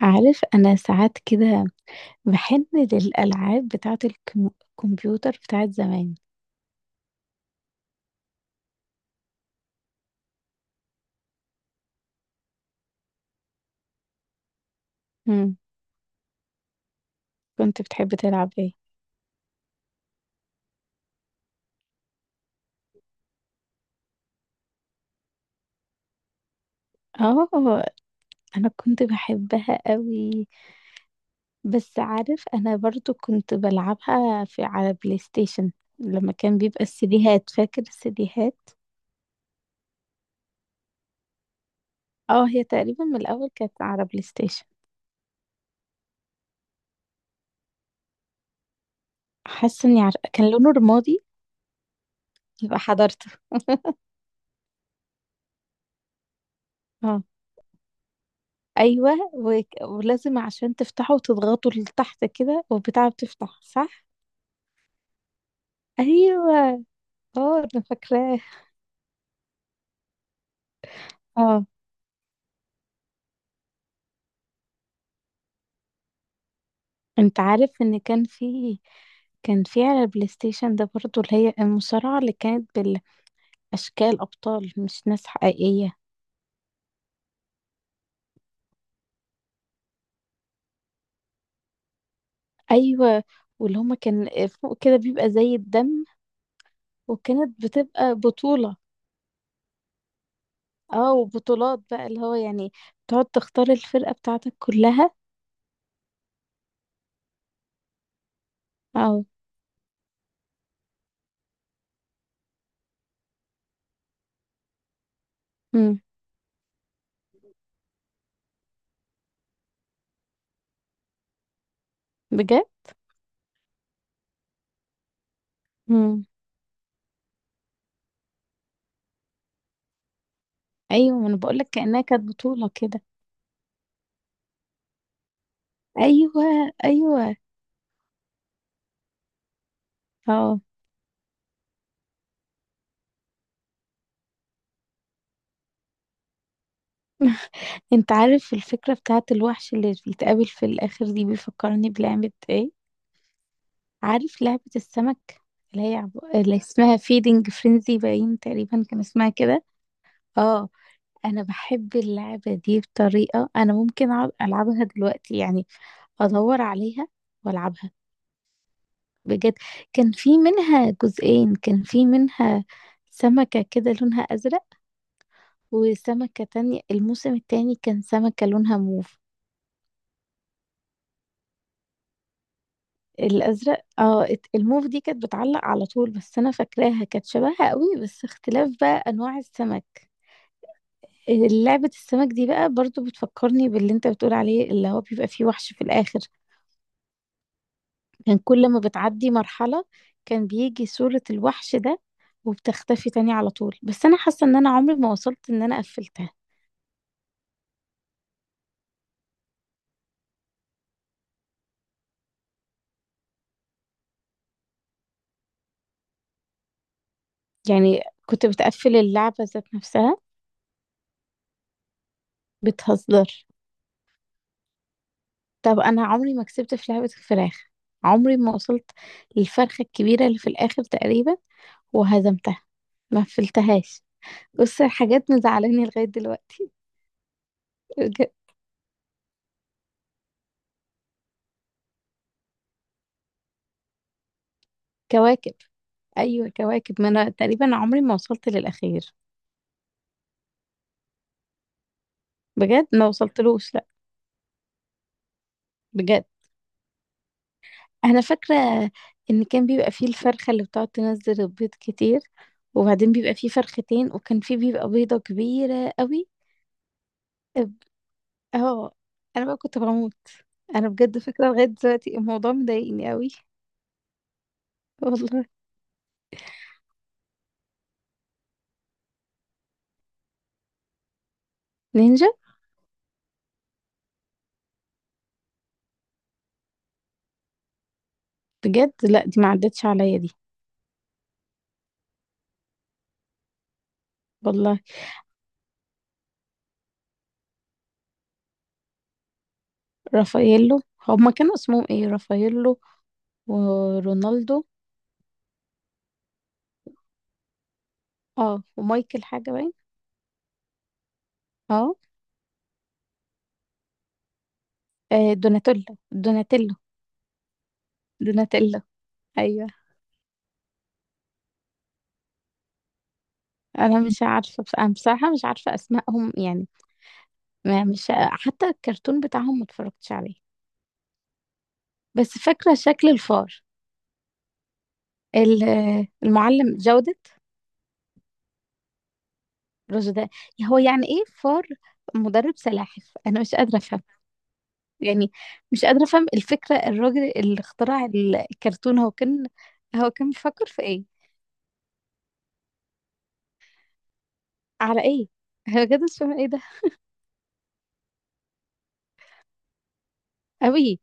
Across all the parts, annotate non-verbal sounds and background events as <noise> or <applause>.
عارف أنا ساعات كده باحن للألعاب بتاعة الكمبيوتر بتاعة زمان. إمم، كنت بتحب تلعب إيه؟ آه، أنا كنت باحبها أوي، بس عارف أنا برضه كنت بالعبها في على PlayStation لمّا كان بيبقى السيديهات، فاكر السيديهات؟ آه، هي تقريبًا من الأول كانت على PlayStation. حاسة إني عارفة كان لونه رمادي، يبقى حضرته. آه، أيوه ولازم عشان تفتحه تضغطه لتحت كده والبتاعة بتفتح، صح؟ ايوه، اه، انا فاكراه. اه، انت عارف ان كان في على البلاي ستيشن ده برضو اللي هي المصارعة اللي كانت بالاشكال، ابطال مش ناس حقيقية. ايوه، واللي هما كان فوق كده بيبقى زي الدم، وكانت بتبقى بطولة. اه، وبطولات بقى اللي هو يعني تقعد تختار الفرقة بتاعتك كلها. اه، امم، بجد، امم، ايوه. ما انا بقولك كأنها كانت بطولة كده. ايوه، ايوه، اه. <laughs> انت عارف الفكرة بتاعت الوحش اللي بيتقابل في الآخر دي بيفكرني بلعبة ايه؟ عارف لعبة السمك، اللي هي اللي اسمها فيدنج فرينزي، باين تقريبا كان اسمها كده. اه، انا بحب اللعبة دي بطريقة انا ممكن اقعد العبها دلوقتي يعني، ادور عليها والعبها بجد. كان في منها جزئين، كان في منها سمكة كده لونها ازرق، وسمكة تانية الموسم التاني كان سمكة لونها موف. الازرق اه، الموف دي كانت بتعلق على طول، بس انا فاكراها كانت شبهها قوي، بس اختلاف بقى انواع السمك. لعبة السمك دي بقى برضو بتفكرني باللي انت بتقول عليه، اللي هو بيبقى فيه وحش في الاخر. كان كل ما بتعدي مرحلة كان بيجي صورة الوحش ده، وبتختفي تاني على طول، بس انا حاسة ان انا عمري ما وصلت ان انا قفلتها. يعني كنت بتقفل اللعبة ذات نفسها، بتهزر؟ طب انا عمري ما كسبت في لعبة الفراخ، عمري ما وصلت للفرخة الكبيرة اللي في الاخر تقريبا وهزمتها، ما فلتهاش. بص الحاجات مزعلاني لغاية دلوقتي بجد. كواكب، ايوه كواكب، ما انا تقريبا عمري ما وصلت للاخير. بجد ما وصلتلوش، لا بجد. انا فاكرة ان كان بيبقى فيه الفرخة اللي بتقعد تنزل البيض كتير، وبعدين بيبقى فيه فرختين وكان فيه بيبقى بيضة كبيرة قوي. اه، انا بقى كنت بموت. انا بجد فكرة لغاية دلوقتي الموضوع مضايقني قوي. <laughs> والله. نينجا، بجد لا دي ما عدتش عليا دي. والله، رافاييلو، هما كانوا اسمهم ايه؟ رافاييلو ورونالدو، اه، ومايكل حاجة باين. اه، آه، دوناتيلا، دوناتيلو، دوناتيلا، ايوه. انا مش عارفة، بس انا بصراحة مش عارفة اسمائهم يعني. ما مش حتى الكرتون بتاعهم ما اتفرجتش عليه، بس فاكرة شكل الفار. المعلم جودة، رز ده؟ هو يعني ايه فار مدرب سلاحف؟ انا مش قادره افهم يعني، مش قادره افهم الفكره، الراجل اللي اخترع الكرتون هو كان، هو كان بيفكر في ايه؟ على ايه؟ هو كده مش فاهمة ايه ده. قوي.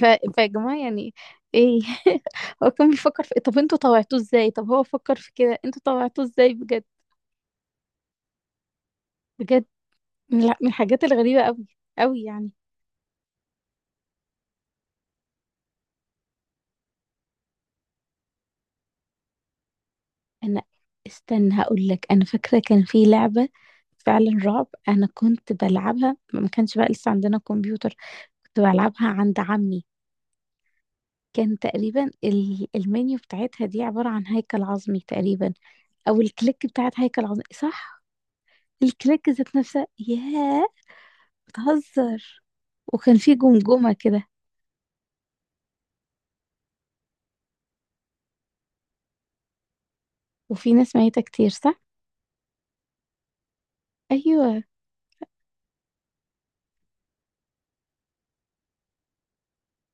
ف... فيا جماعه يعني، ايه؟ <laughs> هو كان بيفكر في إيه؟ طب انتوا طوعتوه ازاي؟ طب هو فكر في كده انتوا طوعتوه ازاي بجد؟ بجد لا، من الحاجات الغريبه قوي، قوي يعني. انا استنى هقول لك، انا فاكره كان في لعبه فعلا رعب، انا كنت بلعبها ما كانش بقى لسه عندنا كمبيوتر، كنت بلعبها عند عمي. كان تقريبا المنيو بتاعتها دي عباره عن هيكل عظمي تقريبا، او الكليك بتاعت هيكل عظمي، صح؟ الكليك ذات نفسها، ياه، بتهزر؟ وكان في جمجمه كده، وفي ناس ميته كتير، صح؟ ايوه،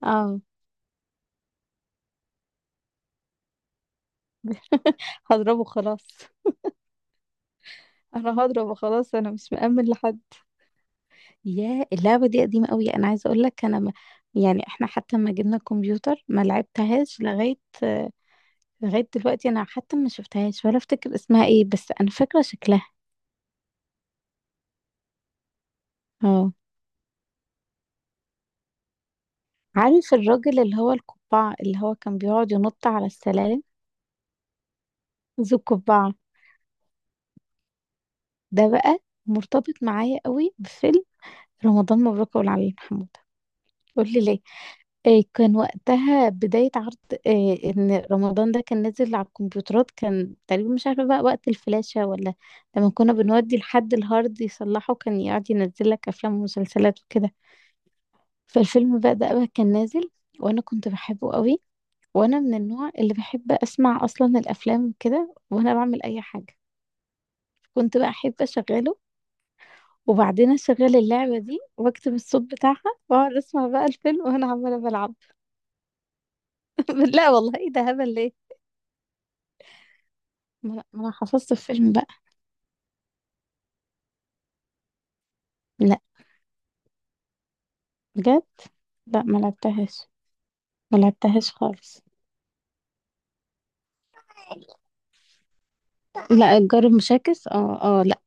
اه. <laughs> هضربه خلاص، انا هضربه خلاص، انا مش مأمن لحد. يا اللعبة دي قديمة قوي، انا عايزة اقول لك انا ما، يعني احنا حتى ما جبنا الكمبيوتر ما لعبتهاش لغاية دلوقتي، انا حتى ما شفتهاش ولا افتكر اسمها ايه، بس انا فاكرة شكلها. اه، عارف الراجل اللي هو القبعة اللي هو كان بيقعد ينط على السلالم؟ ذو القبعة، ده بقى مرتبط معايا قوي بفيلم رمضان مبروك أبو العلي محمود. قول لي ليه؟ إيه كان وقتها بداية عرض إيه، إن رمضان ده كان نازل على الكمبيوترات، كان تقريبا مش عارفة بقى وقت الفلاشة ولا لما كنا بنودي لحد الهارد يصلحه كان يقعد ينزل لك أفلام ومسلسلات وكده. فالفيلم بقى ده بقى كان نازل، وأنا كنت بحبه قوي، وأنا من النوع اللي بحب أسمع أصلا الأفلام وكده وأنا بعمل أي حاجة. كنت بقى أحب أشغله وبعدين أشغل اللعبة دي وأكتب الصوت بتاعها، وأقعد أسمع بقى الفيلم وأنا عمالة بلعب. <laughs> لا والله إيه ده هبل ليه؟ ما لا، ما انا حفظت الفيلم بقى. لا، بجد. لا ما لعبتهاش، ما لعبتهاش خالص. لا الجار المشاكس اه اه، لا.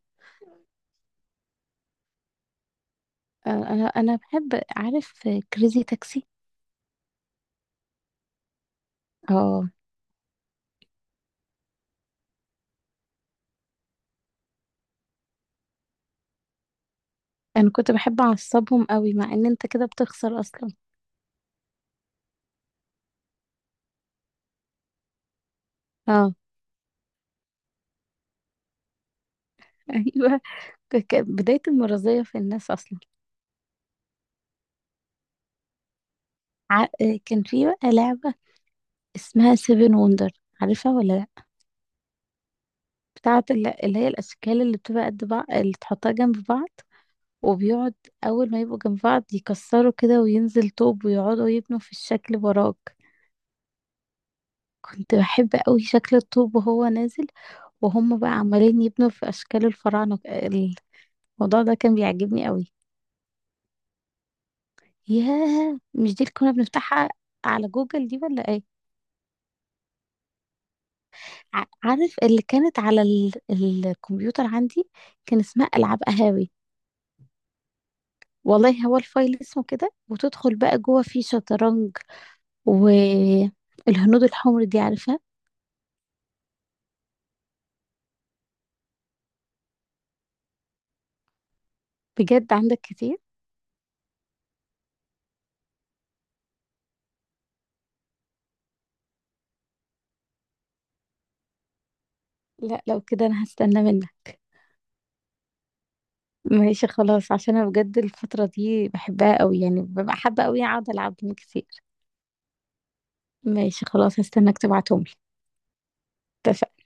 آه، انا بحب. عارف كريزي تاكسي؟ اه، انا كنت بحب اعصبهم قوي مع ان انت كده بتخسر اصلا. اه. <laughs> ايوه، بداية المرضية في الناس اصلا. ع... آه، كان في بقى لعبة اسمها سيفن وندر، عارفها ولا لا؟ بتاعة اللي اللي هي الاشكال اللي بتبقى قد بعض اللي تحطها جنب بعض، وبيقعد اول ما يبقوا جنب بعض يكسروا كده وينزل طوب ويقعدوا يبنوا في الشكل وراك. كنت بحب قوي شكل الطوب وهو نازل، وهم بقى عمالين يبنوا في اشكال الفراعنه. الموضوع ده كان بيعجبني قوي. ياه مش دي اللي كنا بنفتحها على جوجل دي ولا ايه؟ عارف اللي كانت على الكمبيوتر عندي، كان اسمها العاب قهاوي. والله هو الفايل اسمه كده، وتدخل بقى جوه فيه شطرنج، والهنود الحمر دي، عارفها؟ بجد عندك كتير؟ لا لو كده انا هستنى منك. ماشي خلاص، عشان انا بجد الفترة دي بحبها قوي يعني، ببقى حابة قوي اقعد العب جيم كتير. ماشي خلاص هستناك تبعتهم لي. اتفقنا.